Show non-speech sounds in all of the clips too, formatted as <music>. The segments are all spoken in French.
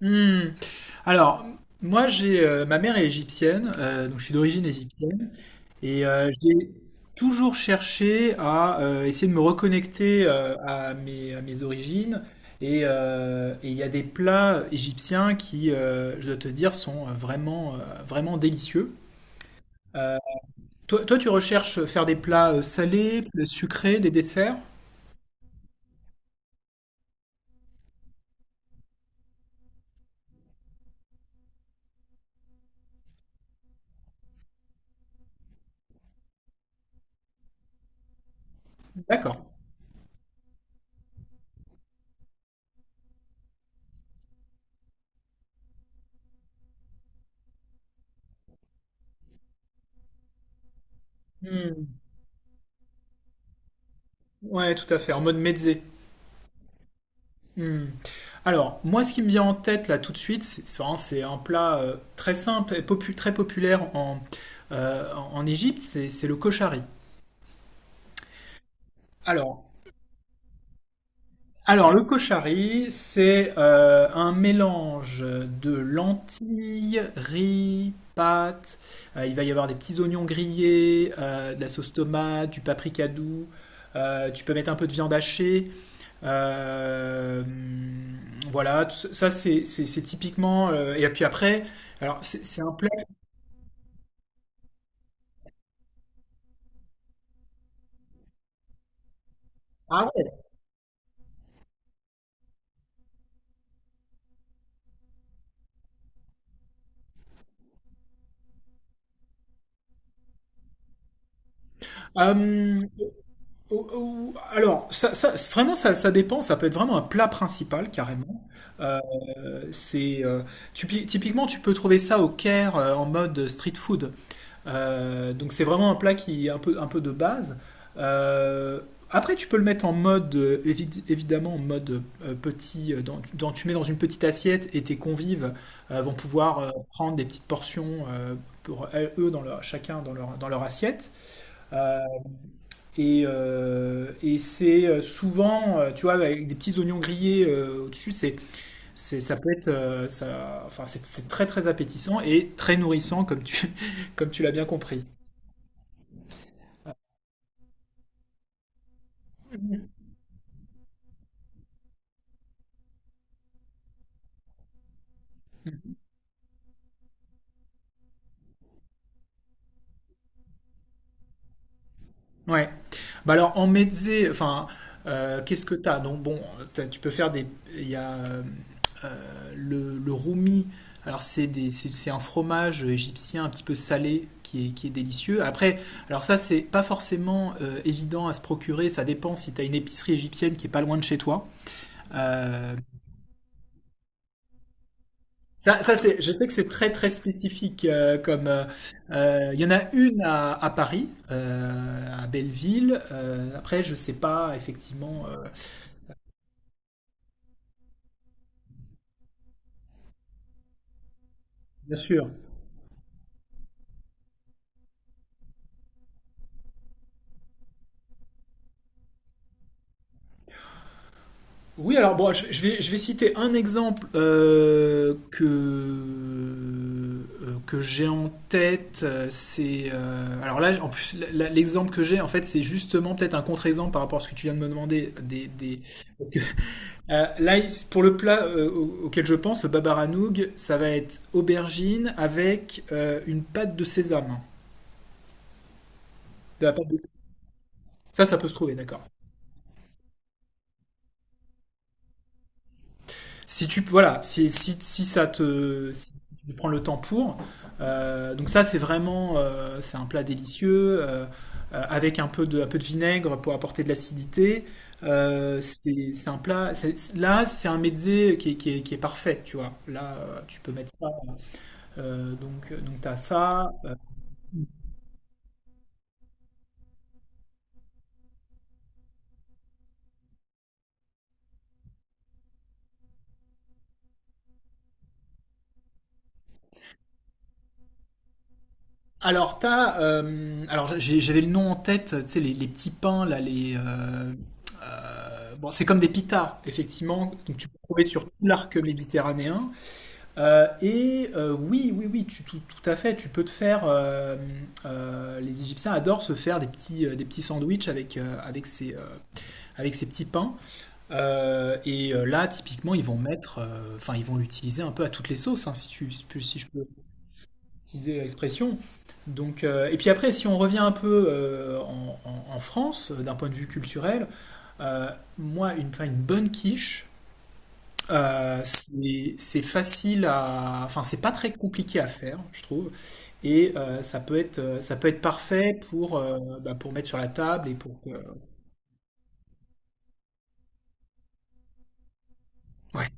Hmm. Alors, moi, j'ai ma mère est égyptienne, donc je suis d'origine égyptienne, et j'ai toujours cherché à essayer de me reconnecter à à mes origines. Et il y a des plats égyptiens qui, je dois te dire, sont vraiment délicieux. Euh, toi, tu recherches faire des plats salés, sucrés, des desserts? D'accord. Hmm. Ouais, tout à fait, en mode mezzé. Hmm. Alors, moi, ce qui me vient en tête là tout de suite, c'est un plat très simple et très populaire en Égypte, c'est le koshari. Alors, alors le koshari, c'est un mélange de lentilles, riz, pâtes. Il va y avoir des petits oignons grillés, de la sauce tomate, du paprika doux. Tu peux mettre un peu de viande hachée. Euh, voilà, ça c'est typiquement. Et puis après, alors c'est un plat. Ah ouais. Euh, alors, vraiment, ça dépend. Ça peut être vraiment un plat principal carrément. Euh, c'est typiquement, tu peux trouver ça au Caire en mode street food. Donc c'est vraiment un plat qui est un peu de base. Euh, Après, tu peux le mettre en mode, évidemment, en mode petit, tu mets dans une petite assiette et tes convives vont pouvoir prendre des petites portions pour eux, chacun dans dans leur assiette. Euh, et c'est souvent, tu vois, avec des petits oignons grillés au-dessus, ça peut être, enfin, c'est très très appétissant et très nourrissant, comme tu, <laughs> comme tu l'as bien compris. Ouais. Bah alors en mezze, enfin, qu'est-ce que t'as? Donc bon, tu peux faire des. Il y a le roumi. Alors c'est des, c'est un fromage égyptien un petit peu salé qui est délicieux. Après, alors ça c'est pas forcément évident à se procurer. Ça dépend si t'as une épicerie égyptienne qui est pas loin de chez toi. Euh, Ça c'est, je sais que c'est très très spécifique. Comme Il y en a une à Paris, à Belleville. Après, je sais pas effectivement. Bien sûr. Oui, alors bon, je vais citer un exemple que j'ai en tête. C'est alors là, en plus, l'exemple que j'ai en fait, c'est justement peut-être un contre-exemple par rapport à ce que tu viens de me demander des parce que là, pour le plat auquel je pense, le babaranoug, ça va être aubergine avec une pâte de sésame. De la pâte de- Ça peut se trouver, d'accord. Si tu, voilà, si, si, Si ça te, si tu prends le temps pour. Donc ça, c'est vraiment, c'est un plat délicieux avec un peu de vinaigre pour apporter de l'acidité. C'est un plat. C'est- Là, c'est un mezzé qui est parfait, tu vois. Là, tu peux mettre ça. Donc tu as ça. Alors, j'avais le nom en tête, tu sais, les petits pains, bon, c'est comme des pitas, effectivement, donc tu peux trouver sur tout l'arc méditerranéen. Oui, oui, oui, tout à fait, tu peux te faire, les Égyptiens adorent se faire des petits sandwichs avec, avec ces petits pains. Là, typiquement, ils vont mettre, enfin, ils vont l'utiliser un peu à toutes les sauces, hein, si je peux utiliser l'expression. Donc, et puis après, si on revient un peu en France, d'un point de vue culturel, euh, moi, enfin, une bonne quiche, c'est facile à... Enfin, c'est pas très compliqué à faire, je trouve. Et ça peut être parfait pour, bah, pour mettre sur la table et pour que... Ouais.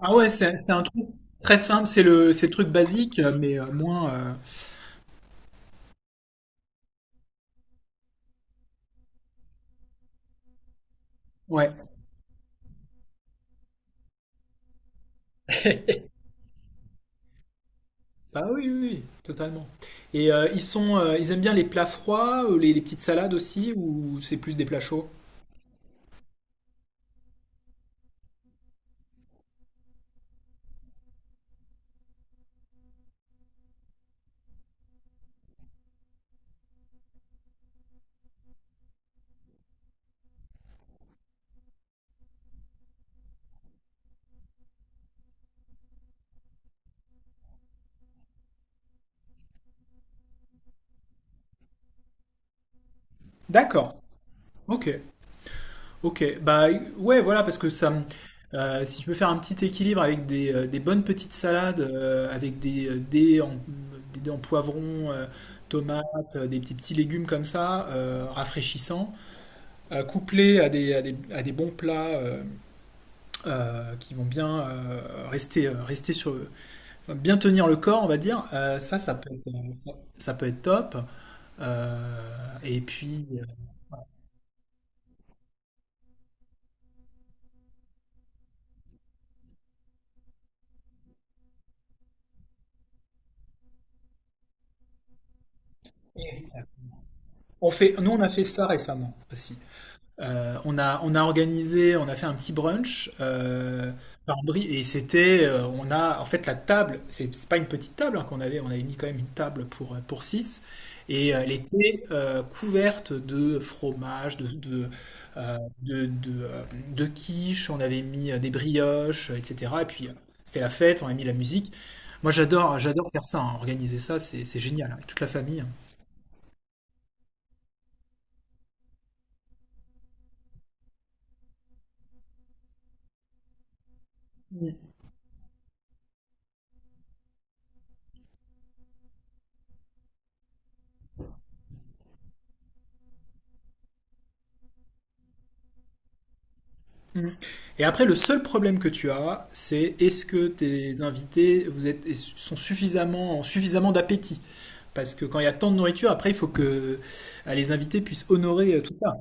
Ah ouais, c'est un truc très simple, c'est le truc basique, mais moins... Ouais. Bah oui, oui, oui, totalement. Ils sont, ils aiment bien les plats froids, les petites salades aussi, ou c'est plus des plats chauds? D'accord. Ok. Ok. Bah ouais, voilà, parce que ça, me- si je peux faire un petit équilibre avec des bonnes petites salades, avec des des dés en poivron, tomates, des petits petits légumes comme ça, rafraîchissants, euh, couplés à des bons plats qui vont bien rester sur, bien tenir le corps, on va dire, ça peut être, ça peut être top. Et puis, euh, on fait, nous, on a fait ça récemment aussi. On a organisé, on a fait un petit brunch et c'était, on a, en fait, la table, c'est pas une petite table hein, qu'on avait, on avait mis quand même une table pour 6 et elle était couverte de fromage, euh, de, de, euh, de quiche, on avait mis des brioches, etc. Et puis c'était la fête, on a mis la musique. Moi j'adore faire ça, hein, organiser ça, c'est génial, hein, avec toute la famille. Hein. Mm. Et après, le seul problème que tu as, c'est est-ce que tes invités sont suffisamment, ont suffisamment d'appétit? Parce que quand il y a tant de nourriture, après, il faut que les invités puissent honorer tout ça.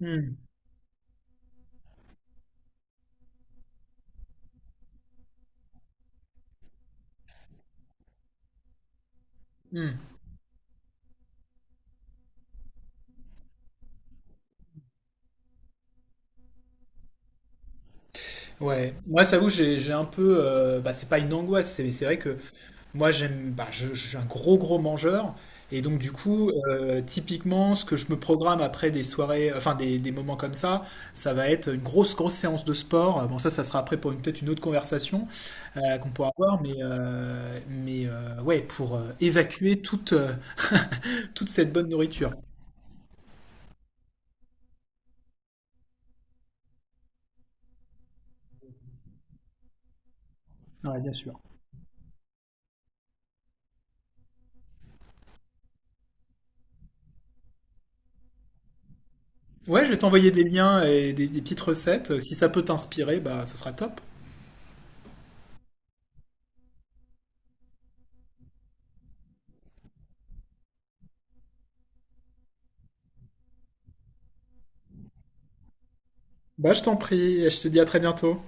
Mm. Mm. J'ai un peu. Euh, bah, c'est pas une angoisse, c'est vrai que moi, j'aime, bah, je suis un gros gros mangeur et donc du coup, typiquement, ce que je me programme après des soirées, enfin des moments comme ça va être une grosse grosse séance de sport. Bon, ça sera après pour peut-être une autre conversation qu'on pourra avoir, mais ouais, pour évacuer toute <laughs> toute cette bonne nourriture. Ouais, bien sûr. Ouais, je vais t'envoyer des liens et des petites recettes. Si ça peut t'inspirer, bah, ça sera top. Bah, je t'en prie, je te dis à très bientôt.